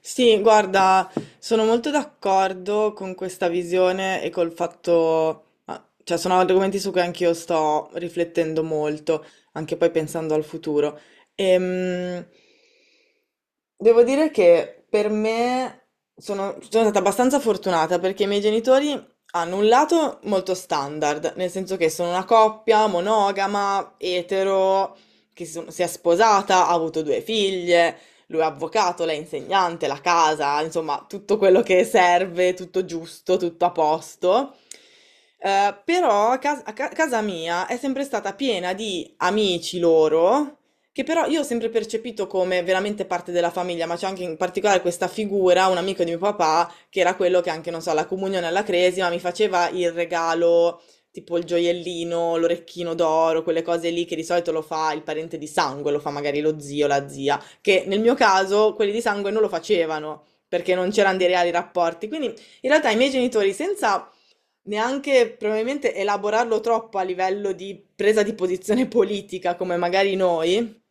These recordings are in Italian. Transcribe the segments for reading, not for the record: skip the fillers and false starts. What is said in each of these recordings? Sì, guarda, sono molto d'accordo con questa visione e col fatto, cioè sono argomenti su cui anch'io sto riflettendo molto, anche poi pensando al futuro. Ehm, devo dire che per me sono stata abbastanza fortunata perché i miei genitori hanno un lato molto standard, nel senso che sono una coppia monogama, etero, che si è sposata, ha avuto due figlie. Lui è avvocato, lei è insegnante, la casa, insomma, tutto quello che serve, tutto giusto, tutto a posto. Però a cas- a ca- casa mia è sempre stata piena di amici loro, che però io ho sempre percepito come veramente parte della famiglia, ma c'è anche in particolare questa figura, un amico di mio papà, che era quello che anche, non so, alla comunione, alla cresima, mi faceva il regalo tipo il gioiellino, l'orecchino d'oro, quelle cose lì che di solito lo fa il parente di sangue, lo fa magari lo zio, la zia che nel mio caso quelli di sangue non lo facevano perché non c'erano dei reali rapporti. Quindi in realtà i miei genitori, senza neanche probabilmente elaborarlo troppo a livello di presa di posizione politica, come magari noi,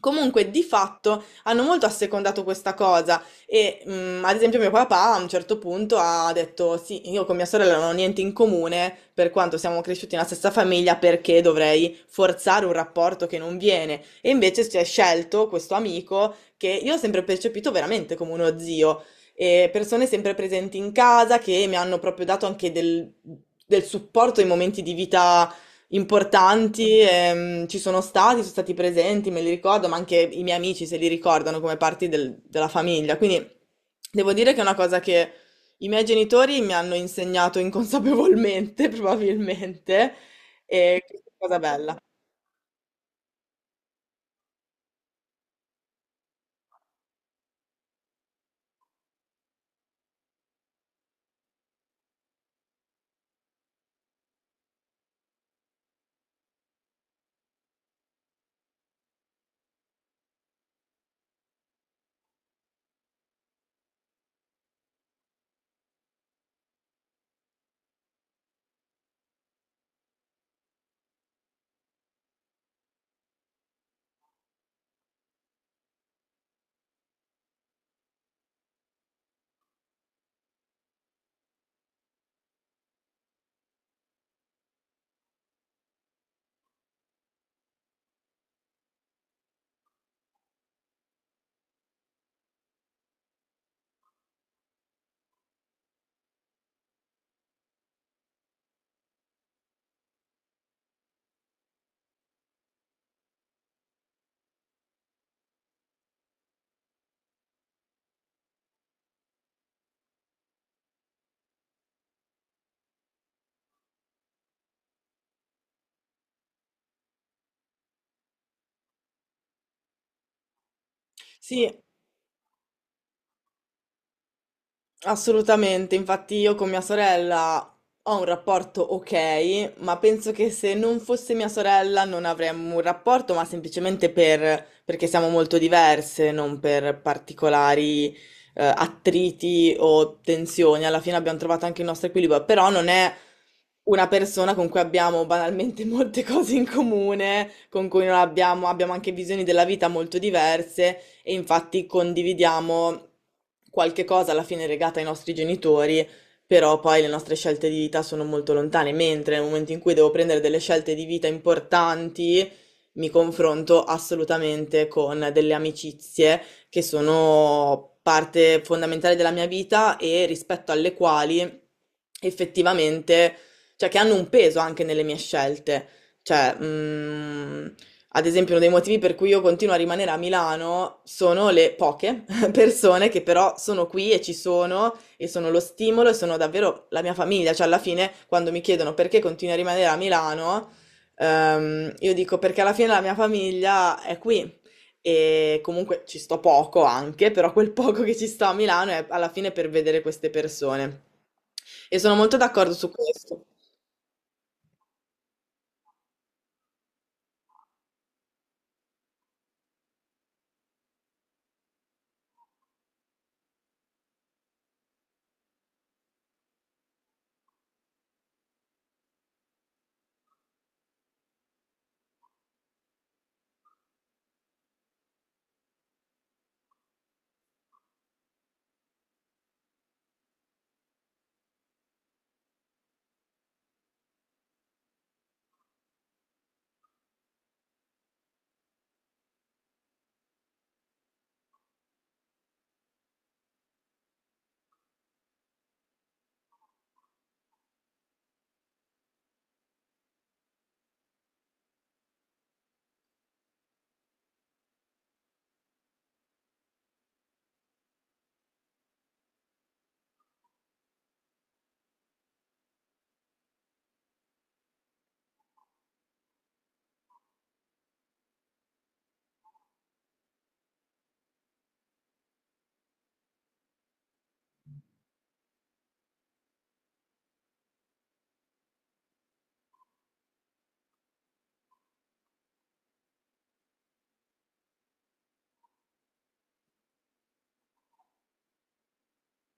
comunque, di fatto hanno molto assecondato questa cosa e ad esempio mio papà a un certo punto ha detto sì, io con mia sorella non ho niente in comune per quanto siamo cresciuti nella stessa famiglia perché dovrei forzare un rapporto che non viene e invece si è scelto questo amico che io ho sempre percepito veramente come uno zio e persone sempre presenti in casa che mi hanno proprio dato anche del supporto in momenti di vita importanti, ci sono stati presenti, me li ricordo, ma anche i miei amici se li ricordano come della famiglia. Quindi devo dire che è una cosa che i miei genitori mi hanno insegnato inconsapevolmente, probabilmente, e questa è una cosa bella. Sì, assolutamente, infatti io con mia sorella ho un rapporto ok, ma penso che se non fosse mia sorella non avremmo un rapporto, ma semplicemente perché siamo molto diverse, non per particolari attriti o tensioni. Alla fine abbiamo trovato anche il nostro equilibrio, però non è una persona con cui abbiamo banalmente molte cose in comune, con cui non abbiamo, abbiamo anche visioni della vita molto diverse e infatti condividiamo qualche cosa alla fine legata ai nostri genitori, però poi le nostre scelte di vita sono molto lontane, mentre nel momento in cui devo prendere delle scelte di vita importanti, mi confronto assolutamente con delle amicizie che sono parte fondamentale della mia vita e rispetto alle quali effettivamente, cioè che hanno un peso anche nelle mie scelte. Cioè, ad esempio, uno dei motivi per cui io continuo a rimanere a Milano sono le poche persone che però sono qui e ci sono e sono lo stimolo e sono davvero la mia famiglia. Cioè, alla fine, quando mi chiedono perché continuo a rimanere a Milano, io dico perché alla fine la mia famiglia è qui. E comunque ci sto poco anche, però quel poco che ci sto a Milano è alla fine per vedere queste persone. E sono molto d'accordo su questo.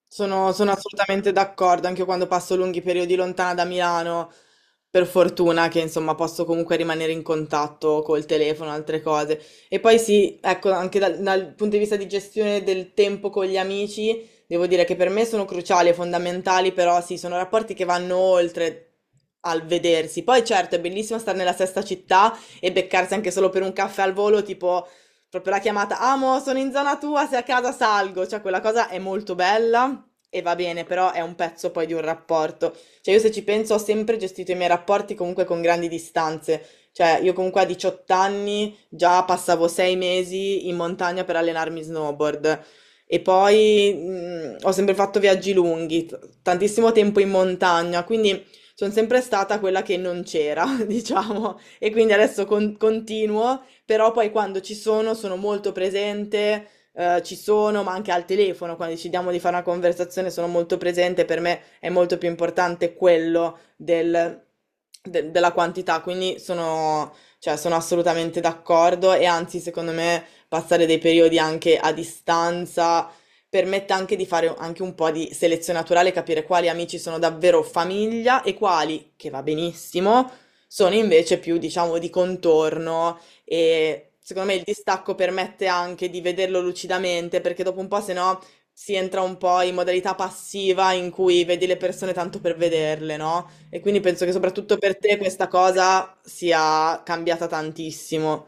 Sono assolutamente d'accordo, anche io quando passo lunghi periodi lontana da Milano, per fortuna che insomma posso comunque rimanere in contatto col telefono, altre cose. E poi sì, ecco, anche dal punto di vista di gestione del tempo con gli amici, devo dire che per me sono cruciali e fondamentali, però sì, sono rapporti che vanno oltre al vedersi. Poi certo, è bellissimo stare nella stessa città e beccarsi anche solo per un caffè al volo, tipo proprio la chiamata, amo, sono in zona tua, se a casa salgo, cioè quella cosa è molto bella e va bene, però è un pezzo poi di un rapporto. Cioè io se ci penso ho sempre gestito i miei rapporti comunque con grandi distanze, cioè io comunque a 18 anni già passavo 6 mesi in montagna per allenarmi snowboard. E poi ho sempre fatto viaggi lunghi, tantissimo tempo in montagna, quindi sono sempre stata quella che non c'era, diciamo. E quindi adesso continuo però poi quando ci sono sono molto presente, ci sono, ma anche al telefono, quando decidiamo di fare una conversazione sono molto presente, per me è molto più importante quello della quantità, quindi sono, cioè, sono assolutamente d'accordo e anzi secondo me passare dei periodi anche a distanza permette anche di fare anche un po' di selezione naturale, capire quali amici sono davvero famiglia e quali, che va benissimo, sono invece più, diciamo, di contorno e secondo me il distacco permette anche di vederlo lucidamente, perché dopo un po', se no, si entra un po' in modalità passiva in cui vedi le persone tanto per vederle, no? E quindi penso che soprattutto per te questa cosa sia cambiata tantissimo.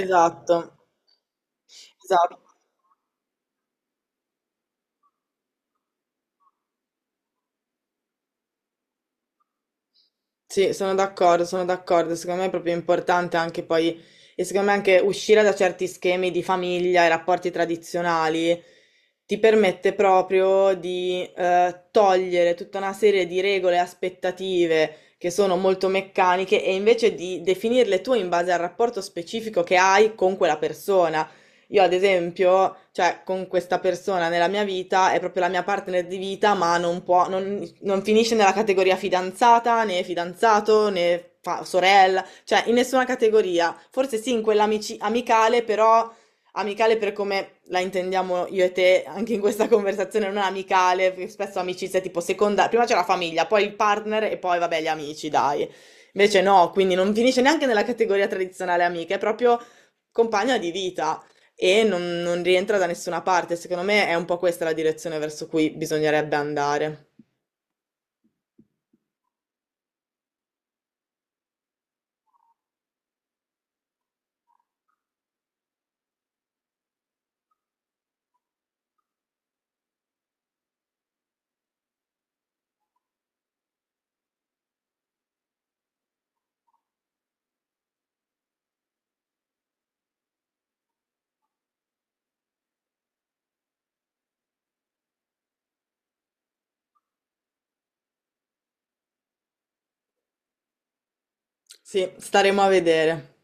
Esatto, esatto. Sì, sono d'accordo, sono d'accordo. Secondo me è proprio importante anche poi, e secondo me anche uscire da certi schemi di famiglia e rapporti tradizionali ti permette proprio di togliere tutta una serie di regole e aspettative che sono molto meccaniche e invece di definirle tu in base al rapporto specifico che hai con quella persona. Io, ad esempio, cioè, con questa persona nella mia vita è proprio la mia partner di vita, ma non può, non, non finisce nella categoria fidanzata, né fidanzato, né fa- sorella, cioè in nessuna categoria. Forse sì, in quella amicale, però amicale per come la intendiamo io e te anche in questa conversazione, non amicale, perché spesso amicizia è tipo seconda, prima c'è la famiglia, poi il partner e poi vabbè gli amici, dai. Invece no, quindi non finisce neanche nella categoria tradizionale amica, è proprio compagna di vita e non rientra da nessuna parte. Secondo me è un po' questa la direzione verso cui bisognerebbe andare. Sì, staremo a vedere.